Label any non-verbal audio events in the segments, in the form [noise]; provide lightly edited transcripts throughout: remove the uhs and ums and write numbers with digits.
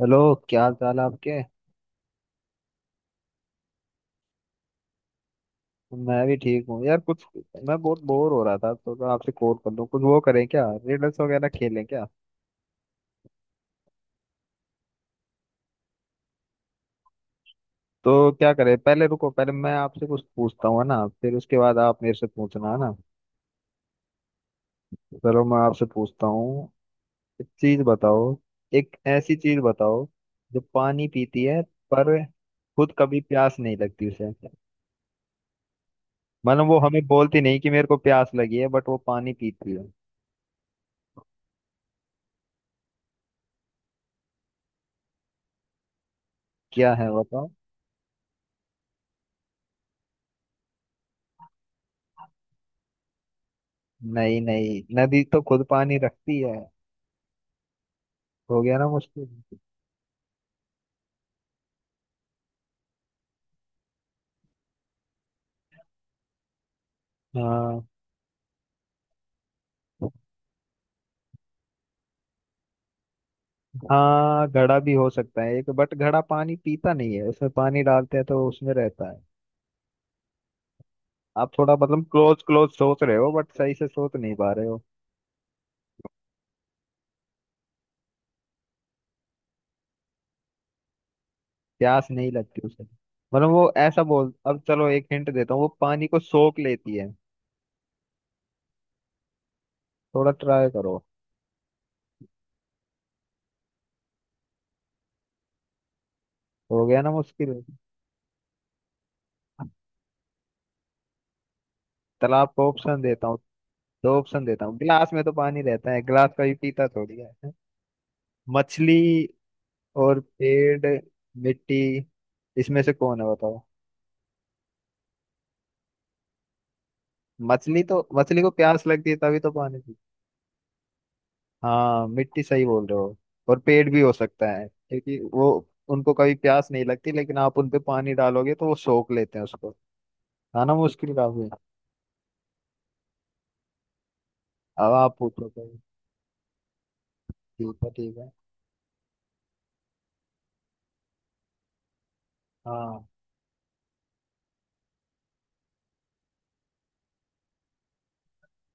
Hello. क्या हाल चाल है आपके? मैं भी ठीक हूँ यार। कुछ मैं बहुत बोर हो रहा था तो मैं आपसे कॉल कर लूँ। कुछ वो करें क्या, रिडल्स वगैरह खेलें क्या? तो क्या करें? पहले रुको, पहले मैं आपसे कुछ पूछता हूँ, है ना? फिर उसके बाद आप मेरे से पूछना, है ना? चलो, मैं आपसे पूछता हूँ। एक चीज बताओ। एक ऐसी चीज बताओ जो पानी पीती है पर खुद कभी प्यास नहीं लगती उसे। मतलब वो हमें बोलती नहीं कि मेरे को प्यास लगी है, बट वो पानी पीती है। क्या है, बताओ। नहीं नहीं, नदी तो खुद पानी रखती है। हो गया ना मुश्किल। हाँ हाँ, घड़ा भी हो सकता है एक, बट घड़ा पानी पीता नहीं है, उसमें पानी डालते हैं तो उसमें रहता है। आप थोड़ा मतलब क्लोज क्लोज सोच रहे हो बट सही से सोच नहीं पा रहे हो। प्यास नहीं लगती उसे। मतलब वो ऐसा बोल, अब चलो एक हिंट देता हूँ, वो पानी को सोख लेती है। थोड़ा ट्राई करो। हो गया ना मुश्किल। तालाब को ऑप्शन देता हूँ। दो ऑप्शन देता हूँ, गिलास में तो पानी रहता है, गिलास का भी पीता थोड़ी है। मछली और पेड़। मिट्टी। इसमें से कौन है, बताओ। मछली? तो मछली को प्यास लगती है, तभी तो पानी पीती। हाँ मिट्टी, सही बोल रहे हो। और पेड़ भी हो सकता है, क्योंकि वो उनको कभी प्यास नहीं लगती, लेकिन आप उनपे पानी डालोगे तो वो सोख लेते हैं उसको। है ना मुश्किल काफी। अब आप पूछो कोई। ठीक है ठीक है। हाँ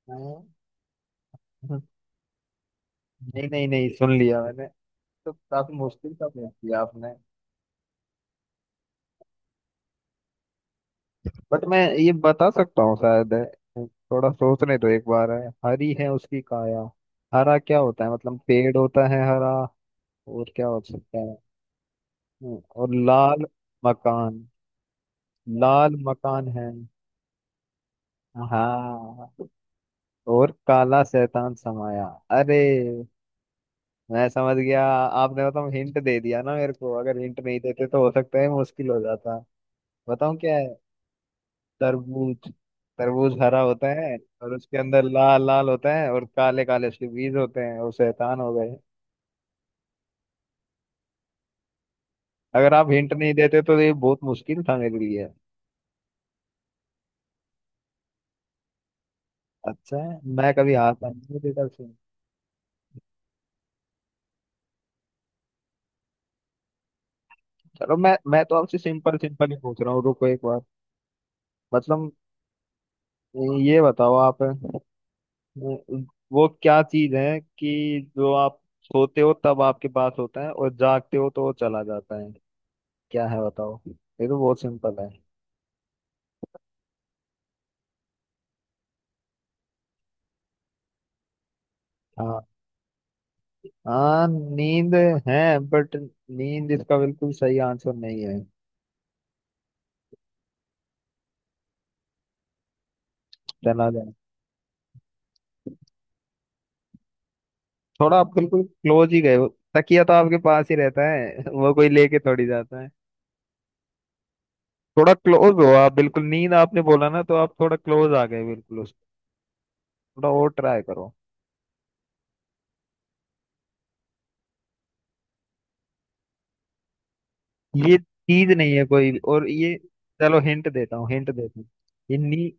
हाँ। [laughs] नहीं नहीं नहीं, सुन लिया मैंने। तो काफी मुश्किल का पूछ लिया आपने। बट मैं ये बता सकता हूँ शायद है। थोड़ा सोचने तो एक बार है, हरी है उसकी काया। हरा क्या होता है? मतलब पेड़ होता है हरा। और क्या हो सकता है? और लाल। मकान। लाल मकान है। हाँ। और काला शैतान समाया। अरे मैं समझ गया। आपने बताऊँ, हिंट दे दिया ना मेरे को, अगर हिंट नहीं देते तो हो सकता है मुश्किल हो जाता। बताऊँ क्या है? तरबूज। तरबूज हरा होता है। और उसके अंदर लाल लाल होता है और काले काले उसके बीज होते हैं और शैतान हो गए। अगर आप हिंट नहीं देते तो ये बहुत मुश्किल था मेरे लिए। अच्छा है, मैं कभी हार मान नहीं देता उसमें। चलो मैं तो आपसे सिंपल सिंपल ही पूछ रहा हूँ, रुको एक बार। मतलब ये बताओ आप। वो वो क्या चीज है कि जो आप सोते हो तब आपके पास होता है और जागते हो तो वो चला जाता है? क्या है बताओ, ये तो बहुत सिंपल है। हाँ। हाँ नींद है, बट नींद इसका बिल्कुल सही आंसर नहीं है। चला जाए। थोड़ा आप बिल्कुल क्लोज ही गए हो। तकिया तो आपके पास ही रहता है, [laughs] वो कोई लेके थोड़ी जाता है। थोड़ा क्लोज हो आप, बिल्कुल नींद आपने बोला ना तो आप थोड़ा क्लोज आ गए बिल्कुल उस। थोड़ा और ट्राई करो। ये चीज नहीं है कोई और ये, चलो हिंट देता हूँ। ये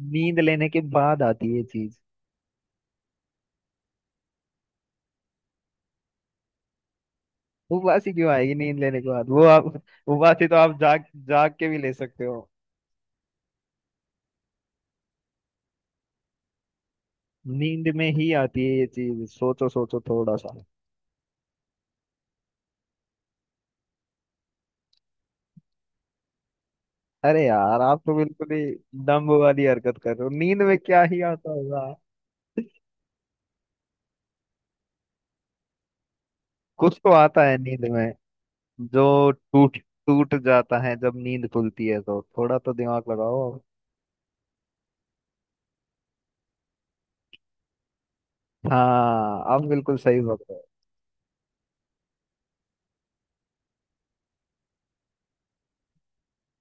नींद लेने के बाद आती है ये चीज। उबासी क्यों आएगी नींद लेने के बाद, वो आप। उबासी तो आप जाग जाग के भी ले सकते हो। नींद में ही आती है ये चीज, सोचो सोचो थोड़ा सा। अरे यार आप तो बिल्कुल ही डम्ब वाली हरकत कर रहे हो, नींद में क्या ही आता होगा। कुछ तो आता है नींद में। जो टूट टूट जाता है जब नींद खुलती है, तो थोड़ा तो दिमाग लगाओ। हाँ आप बिल्कुल सही बोल रहे हो।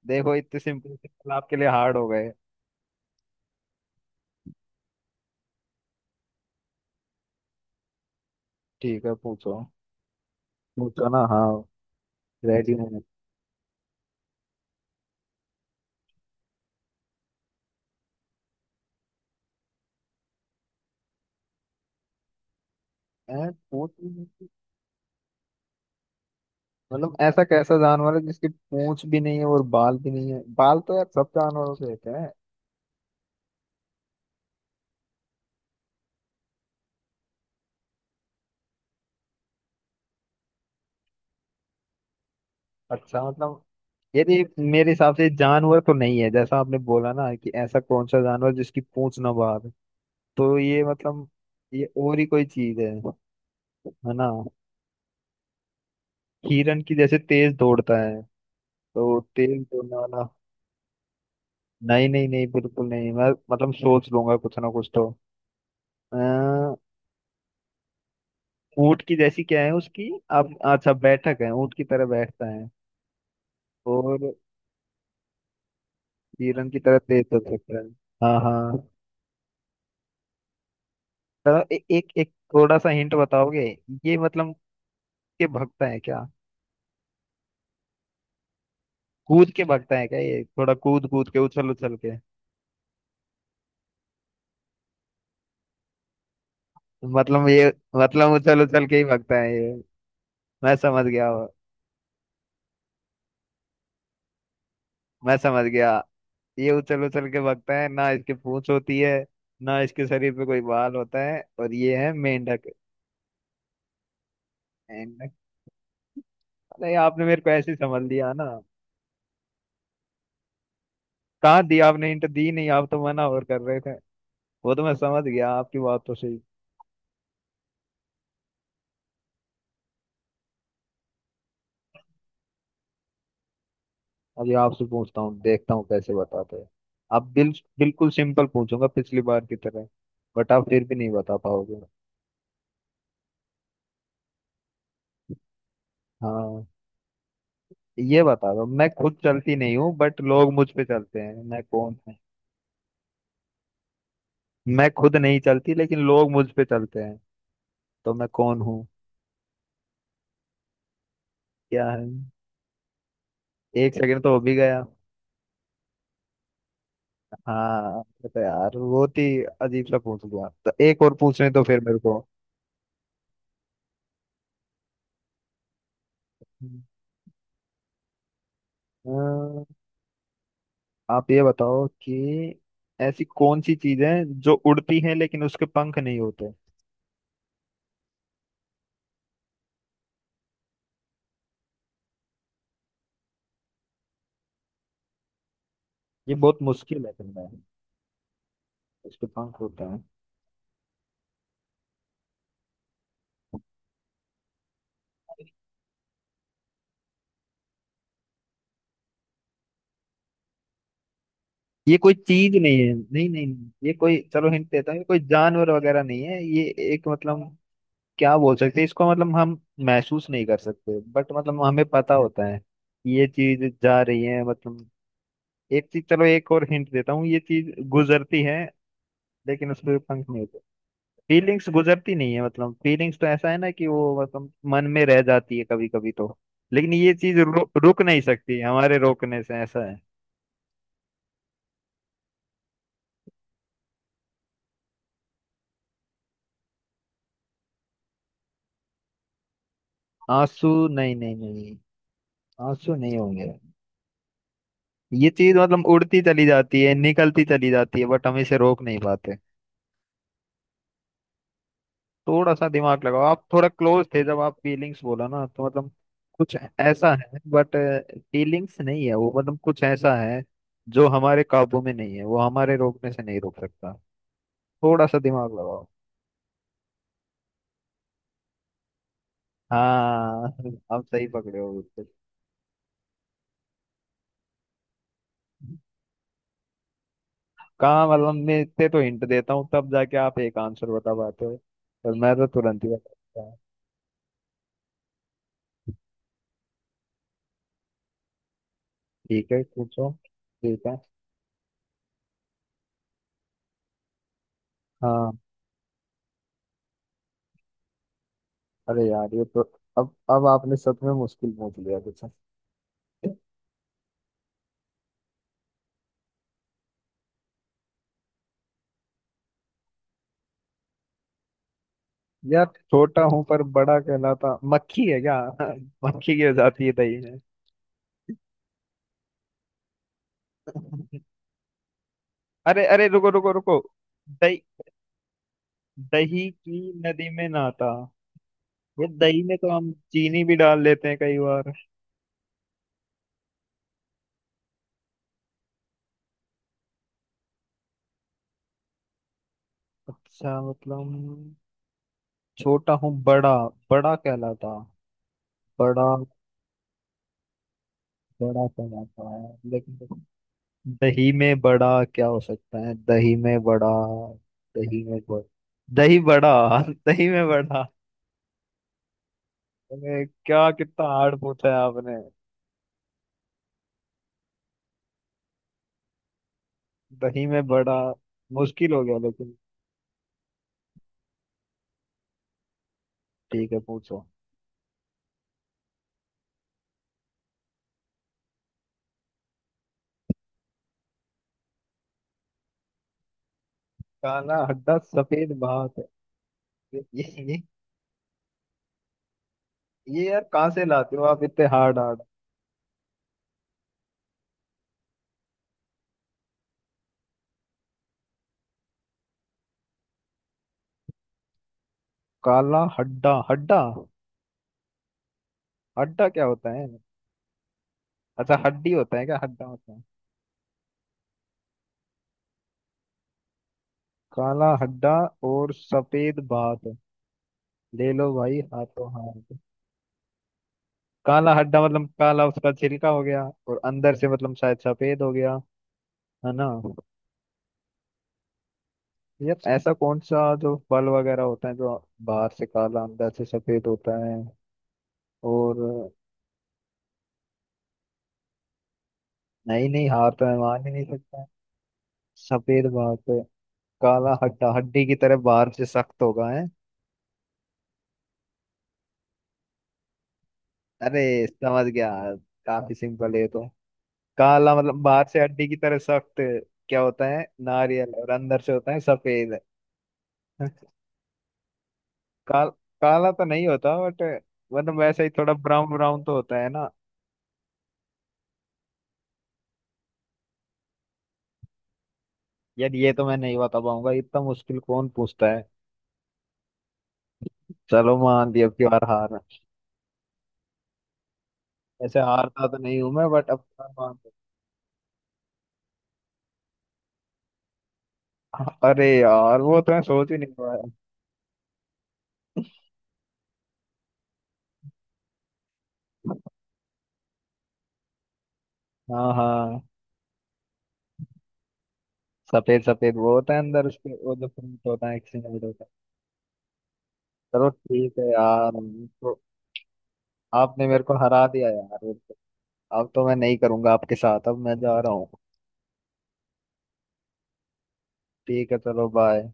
देखो इतने सिंपल सिंपल आपके लिए हार्ड हो गए। ठीक है, पूछो पूछो ना, हाँ। रेडी हूँ मैं। ऐ, पूछ भी नहीं- मतलब ऐसा कैसा जानवर है जिसकी पूंछ भी नहीं है और बाल भी नहीं है, बाल तो यार सब जानवरों से होते हैं। अच्छा मतलब यदि मेरे हिसाब से जानवर तो नहीं है, जैसा आपने बोला ना कि ऐसा कौन सा जानवर जिसकी पूंछ ना बाहर। तो ये मतलब ये और ही कोई चीज है ना? हिरण की जैसे तेज दौड़ता है, तो तेज दौड़ने वाला। नहीं नहीं नहीं, बिल्कुल नहीं, मैं मतलब सोच लूंगा कुछ ना कुछ तो। अः ऊंट की जैसी क्या है उसकी। अब अच्छा बैठक है, ऊंट की तरह बैठता है और हिरण की तरह तेज दौड़ सकता है। हाँ हाँ, तो एक एक थोड़ा सा हिंट बताओगे? ये मतलब के भगता है क्या? कूद के भगता है क्या, ये थोड़ा कूद कूद के उछल उछल के? मतलब ये मतलब उछल उछल के ही भगता है ये? मैं समझ गया हूँ, मैं समझ गया। ये उछल उछल के भगता है ना, इसके पूंछ होती है ना, इसके शरीर पे कोई बाल होता है, और ये है मेंढक। मेंढक। अरे आपने मेरे को ऐसे ही समझ लिया ना। कहाँ दी आपने हिंट? दी नहीं, आप तो मना और कर रहे थे। वो तो मैं समझ गया, आपकी बात तो सही। अभी आपसे पूछता हूँ, देखता हूँ कैसे बताते हैं। अब बिल्कुल सिंपल पूछूंगा पिछली बार की तरह, बट आप फिर भी नहीं बता पाओगे। हाँ ये बता दो, मैं खुद चलती नहीं हूँ बट लोग मुझ पे चलते हैं, मैं कौन हूँ? मैं खुद नहीं चलती लेकिन लोग मुझ पे चलते हैं, तो मैं कौन हूँ? क्या है? एक सेकंड तो हो भी गया। हाँ तो यार, बहुत ही अजीब सा पूछ लिया, तो एक और पूछने तो फिर मेरे को। हाँ। आप ये बताओ कि ऐसी कौन सी चीज है जो उड़ती है लेकिन उसके पंख नहीं होते। ये बहुत मुश्किल है करना है, उसके पंख होता है। ये कोई चीज नहीं है, नहीं नहीं नहीं। ये कोई, चलो हिंट देता हूँ, ये कोई जानवर वगैरह नहीं है, ये एक मतलब क्या बोल सकते हैं इसको। मतलब हम महसूस नहीं कर सकते बट मतलब हमें पता होता है कि ये चीज जा रही है मतलब। एक चीज, चलो एक और हिंट देता हूँ, ये चीज गुजरती है लेकिन उस पर पंख नहीं। फीलिंग्स गुजरती नहीं है, मतलब फीलिंग्स तो ऐसा है ना कि वो मतलब मन में रह जाती है कभी कभी तो। लेकिन ये चीज रुक नहीं सकती हमारे रोकने से, ऐसा है। आंसू। नहीं नहीं नहीं, आंसू नहीं होंगे। ये चीज मतलब उड़ती चली जाती है, निकलती चली जाती है, बट हम इसे रोक नहीं पाते। थोड़ा सा दिमाग लगाओ, आप थोड़ा क्लोज थे जब आप फीलिंग्स बोला ना, तो मतलब कुछ ऐसा है बट फीलिंग्स नहीं है वो, मतलब कुछ ऐसा है जो हमारे काबू में नहीं है, वो हमारे रोकने से नहीं रोक सकता। थोड़ा सा दिमाग लगाओ। हाँ आप सही पकड़े हो बिल्कुल। कहाँ, मतलब मैं इतने तो हिंट देता हूँ तब जाके आप एक आंसर बता पाते हो, और मैं तो तुरंत ही बता हूँ। ठीक है पूछो। ठीक है हाँ। अरे यार ये तो, अब आपने सच में मुश्किल पूछ लिया कुछ। यार छोटा हूँ पर बड़ा कहलाता, मक्खी है क्या? [laughs] मक्खी की हो जाती है दही में। अरे अरे, रुको रुको रुको। दही, दही की नदी में नाता। ये दही में तो हम चीनी भी डाल लेते हैं कई बार। अच्छा मतलब छोटा हूँ बड़ा, बड़ा कहलाता, बड़ा, बड़ा कहलाता है लेकिन दही में बड़ा। क्या हो सकता है दही में बड़ा, दही में बड़ा, दही बड़ा, [laughs] दही में बड़ा। अरे क्या कितना हार्ड पूछा है आपने। दही में बड़ा, मुश्किल हो गया लेकिन। ठीक है पूछो। काला हड्डा सफेद भात है। ये ये ये ये यार, कहाँ से लाते हो आप इतने हार्ड हार्ड? काला हड्डा हड्डा। हड्डा क्या होता है? अच्छा, हड्डी होता है क्या हड्डा होता है? काला हड्डा और सफेद भात ले लो भाई हाथों हाथ। काला हड्डा मतलब काला उसका छिलका हो गया और अंदर से मतलब शायद सफेद हो गया, है ना? यार ऐसा कौन सा जो फल वगैरह होता है जो बाहर से काला अंदर से सफेद होता है? और नहीं नहीं, हार तो मैं मान ही नहीं सकता। सफेद भात, काला हड्डा, हड्डी की तरह बाहर से सख्त होगा है। अरे समझ गया, काफी सिंपल है ये तो। काला मतलब बाहर से हड्डी की तरह सख्त, क्या होता है नारियल, और अंदर से होता है सफेद। काल काला तो नहीं होता बट मतलब वैसे ही थोड़ा ब्राउन ब्राउन तो होता है ना। यार ये तो मैं नहीं बता पाऊंगा, इतना मुश्किल कौन पूछता है? चलो मान लिया अब की बार हार। ऐसे हारता तो नहीं हूं मैं बट अब की बार मान लिया। अरे यार वो तो मैं सोच ही नहीं पाया। हाँ हाँ। सफेद सफेद वो होता है अंदर उसके, वो जो फ्रूट होता है एक single होता है। चलो ठीक है यार, तो आपने मेरे को हरा दिया यार। अब तो मैं नहीं करूंगा आपके साथ, अब मैं जा रहा हूँ। ठीक है चलो बाय।